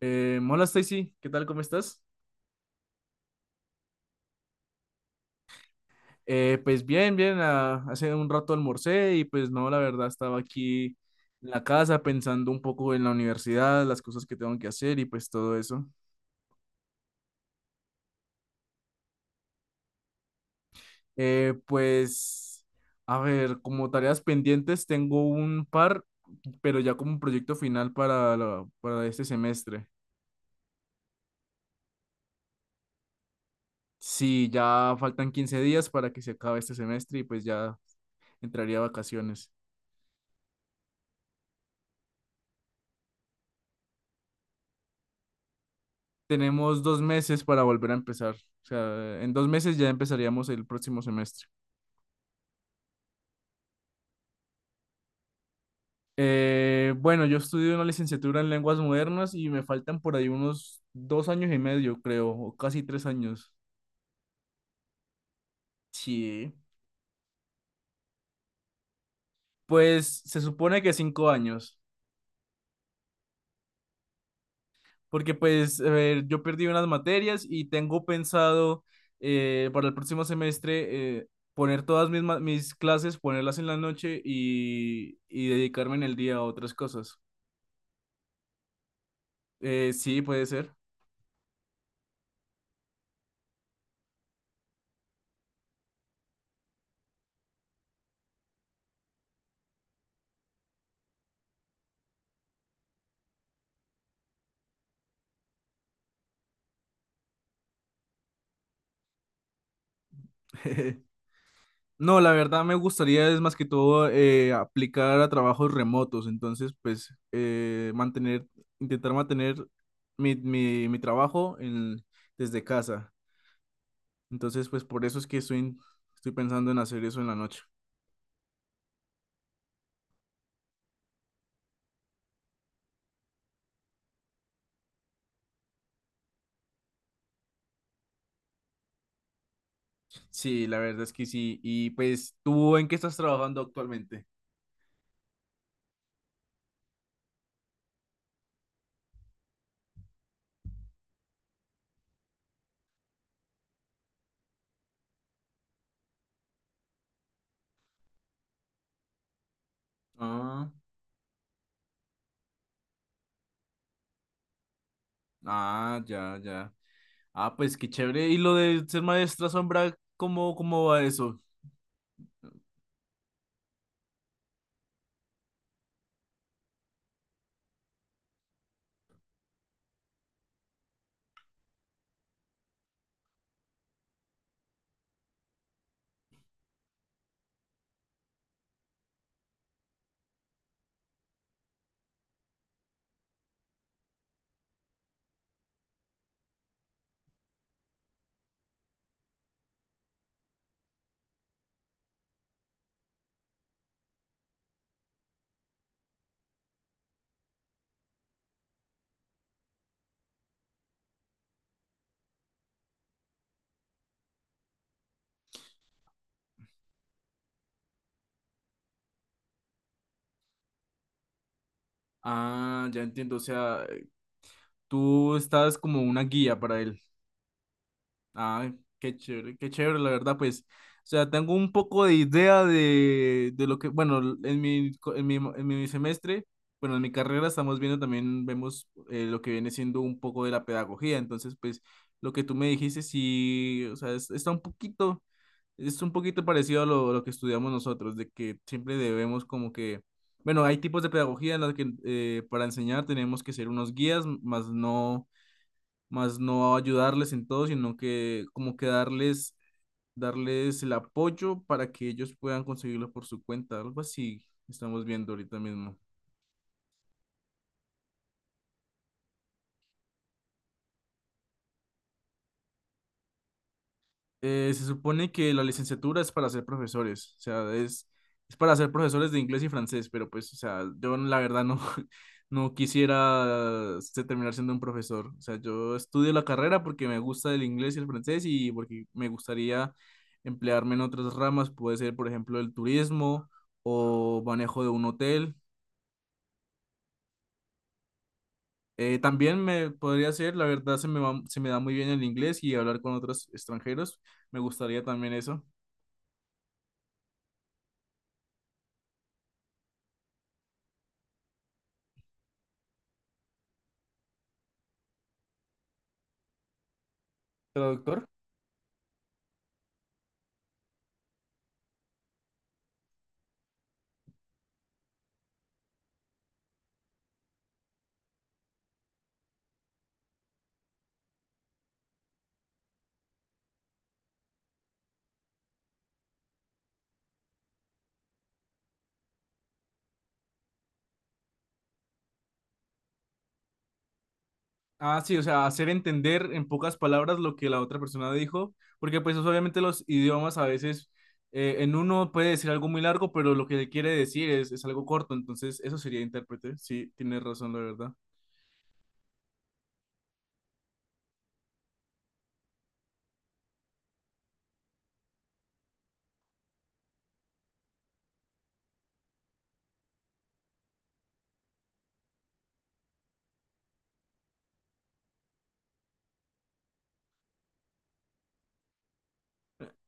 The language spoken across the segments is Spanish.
Hola Stacy, ¿qué tal? ¿Cómo estás? Pues bien, bien, hace un rato almorcé y pues no, la verdad estaba aquí en la casa pensando un poco en la universidad, las cosas que tengo que hacer y pues todo eso. Pues, a ver, como tareas pendientes tengo un par, pero ya como un proyecto final para, para este semestre. Sí, ya faltan 15 días para que se acabe este semestre y pues ya entraría a vacaciones. Tenemos dos meses para volver a empezar. O sea, en 2 meses ya empezaríamos el próximo semestre. Bueno, yo estudio una licenciatura en lenguas modernas y me faltan por ahí unos 2 años y medio, creo, o casi 3 años. Sí. Pues se supone que 5 años, porque pues a ver, yo perdí unas materias y tengo pensado para el próximo semestre poner todas mis clases, ponerlas en la noche y dedicarme en el día a otras cosas. Sí, puede ser. No, la verdad me gustaría es más que todo aplicar a trabajos remotos, entonces pues mantener, intentar mantener mi trabajo en, desde casa. Entonces pues por eso es estoy pensando en hacer eso en la noche. Sí, la verdad es que sí. Y pues ¿tú en qué estás trabajando actualmente? Ah, ah, ya, ya. Ah, pues qué chévere. ¿Y lo de ser maestra sombra, cómo, cómo va eso? Ah, ya entiendo. O sea, tú estás como una guía para él. Ah, qué chévere, la verdad, pues. O sea, tengo un poco de idea de lo que, bueno, en en mi semestre, bueno, en mi carrera estamos viendo también, vemos lo que viene siendo un poco de la pedagogía. Entonces, pues, lo que tú me dijiste, sí, o sea, está un poquito, es un poquito parecido a lo que estudiamos nosotros, de que siempre debemos como que, bueno, hay tipos de pedagogía en las que para enseñar tenemos que ser unos guías, más no ayudarles en todo, sino que como que darles, darles el apoyo para que ellos puedan conseguirlo por su cuenta, algo así estamos viendo ahorita mismo. Se supone que la licenciatura es para ser profesores, o sea, es para ser profesores de inglés y francés, pero pues, o sea, yo la verdad no, no quisiera este, terminar siendo un profesor, o sea, yo estudio la carrera porque me gusta el inglés y el francés y porque me gustaría emplearme en otras ramas, puede ser, por ejemplo, el turismo o manejo de un hotel. También me podría ser, la verdad, se me da muy bien el inglés y hablar con otros extranjeros, me gustaría también eso. ¿Traductor? Ah, sí, o sea, hacer entender en pocas palabras lo que la otra persona dijo, porque pues obviamente los idiomas a veces en uno puede decir algo muy largo, pero lo que le quiere decir es algo corto, entonces eso sería intérprete, sí, tienes razón, la verdad.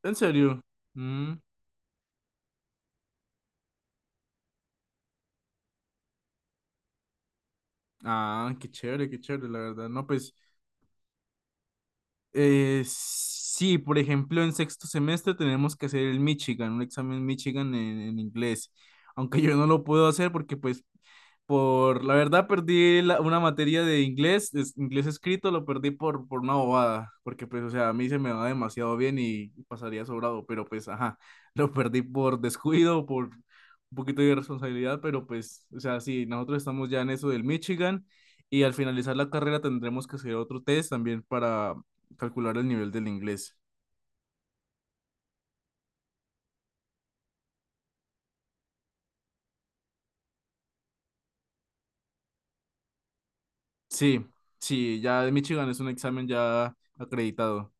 ¿En serio? Mm, ah, qué chévere, la verdad. No, pues sí, por ejemplo, en sexto semestre tenemos que hacer el Michigan, un examen Michigan en inglés, aunque yo no lo puedo hacer porque pues por la verdad perdí una materia de inglés, inglés escrito, lo perdí por una bobada, porque pues o sea, a mí se me va demasiado bien y pasaría sobrado, pero pues ajá, lo perdí por descuido, por un poquito de irresponsabilidad, pero pues o sea, sí, nosotros estamos ya en eso del Michigan. Y al finalizar la carrera tendremos que hacer otro test también para, calcular el nivel del inglés. Sí, sí, ya de Michigan es un examen ya acreditado.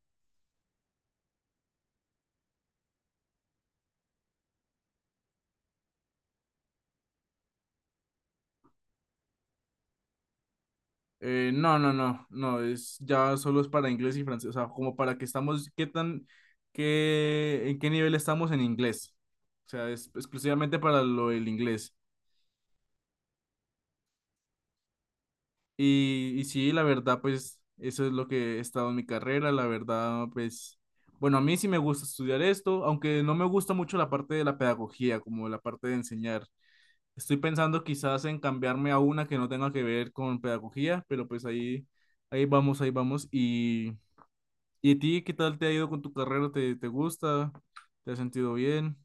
No, no, no, no, es ya solo es para inglés y francés, o sea, como para que estamos, qué tan, qué, en qué nivel estamos en inglés. O sea, es exclusivamente para lo del inglés. Y sí, la verdad, pues eso es lo que he estado en mi carrera, la verdad, pues, bueno, a mí sí me gusta estudiar esto, aunque no me gusta mucho la parte de la pedagogía, como la parte de enseñar. Estoy pensando quizás en cambiarme a una que no tenga que ver con pedagogía, pero pues ahí, ahí vamos, ahí vamos. Y a ti qué tal te ha ido con tu carrera? ¿Te, te gusta? ¿Te has sentido bien?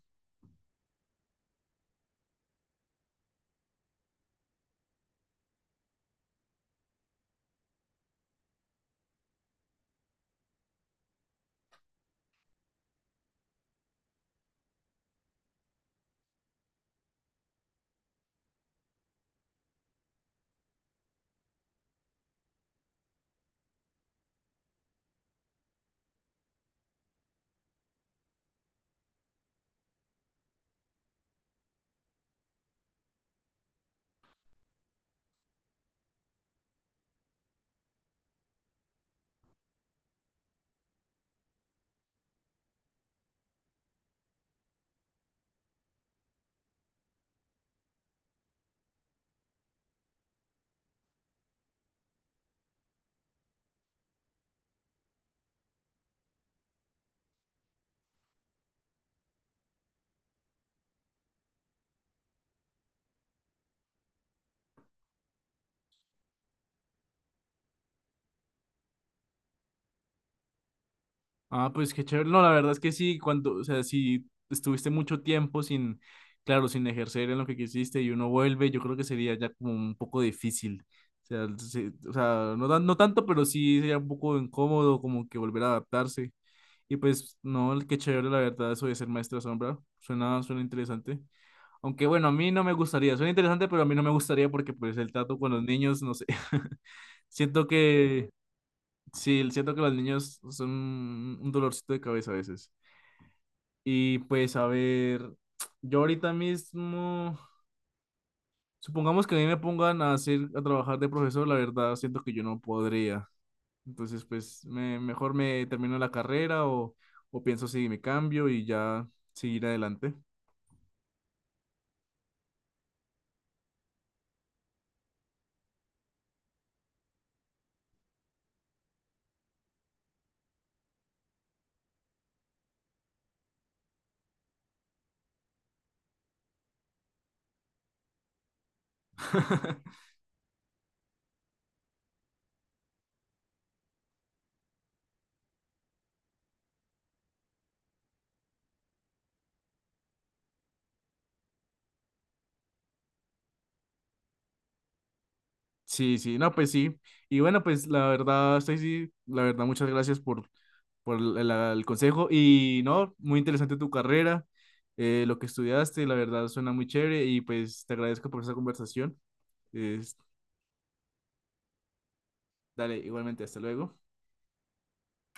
Ah, pues qué chévere. No, la verdad es que sí, cuando, o sea, si estuviste mucho tiempo sin, claro, sin ejercer en lo que quisiste y uno vuelve, yo creo que sería ya como un poco difícil. O sea, sí, o sea, no, no tanto, pero sí sería un poco incómodo como que volver a adaptarse. Y pues, no, qué chévere, la verdad, eso de ser maestra sombra. Suena, suena interesante. Aunque bueno, a mí no me gustaría. Suena interesante, pero a mí no me gustaría porque pues el trato con los niños, no sé. Siento que... Sí, siento que los niños son un dolorcito de cabeza a veces. Y pues a ver, yo ahorita mismo, supongamos que a mí me pongan a hacer, a trabajar de profesor, la verdad siento que yo no podría. Entonces, pues mejor me termino la carrera o pienso si me cambio y ya seguir adelante. Sí, sí, no, pues sí. Y bueno, pues la verdad, Stacy, la verdad, muchas gracias por el consejo. Y no, muy interesante tu carrera, lo que estudiaste, la verdad suena muy chévere y pues te agradezco por esa conversación. Es- dale, igualmente, hasta luego.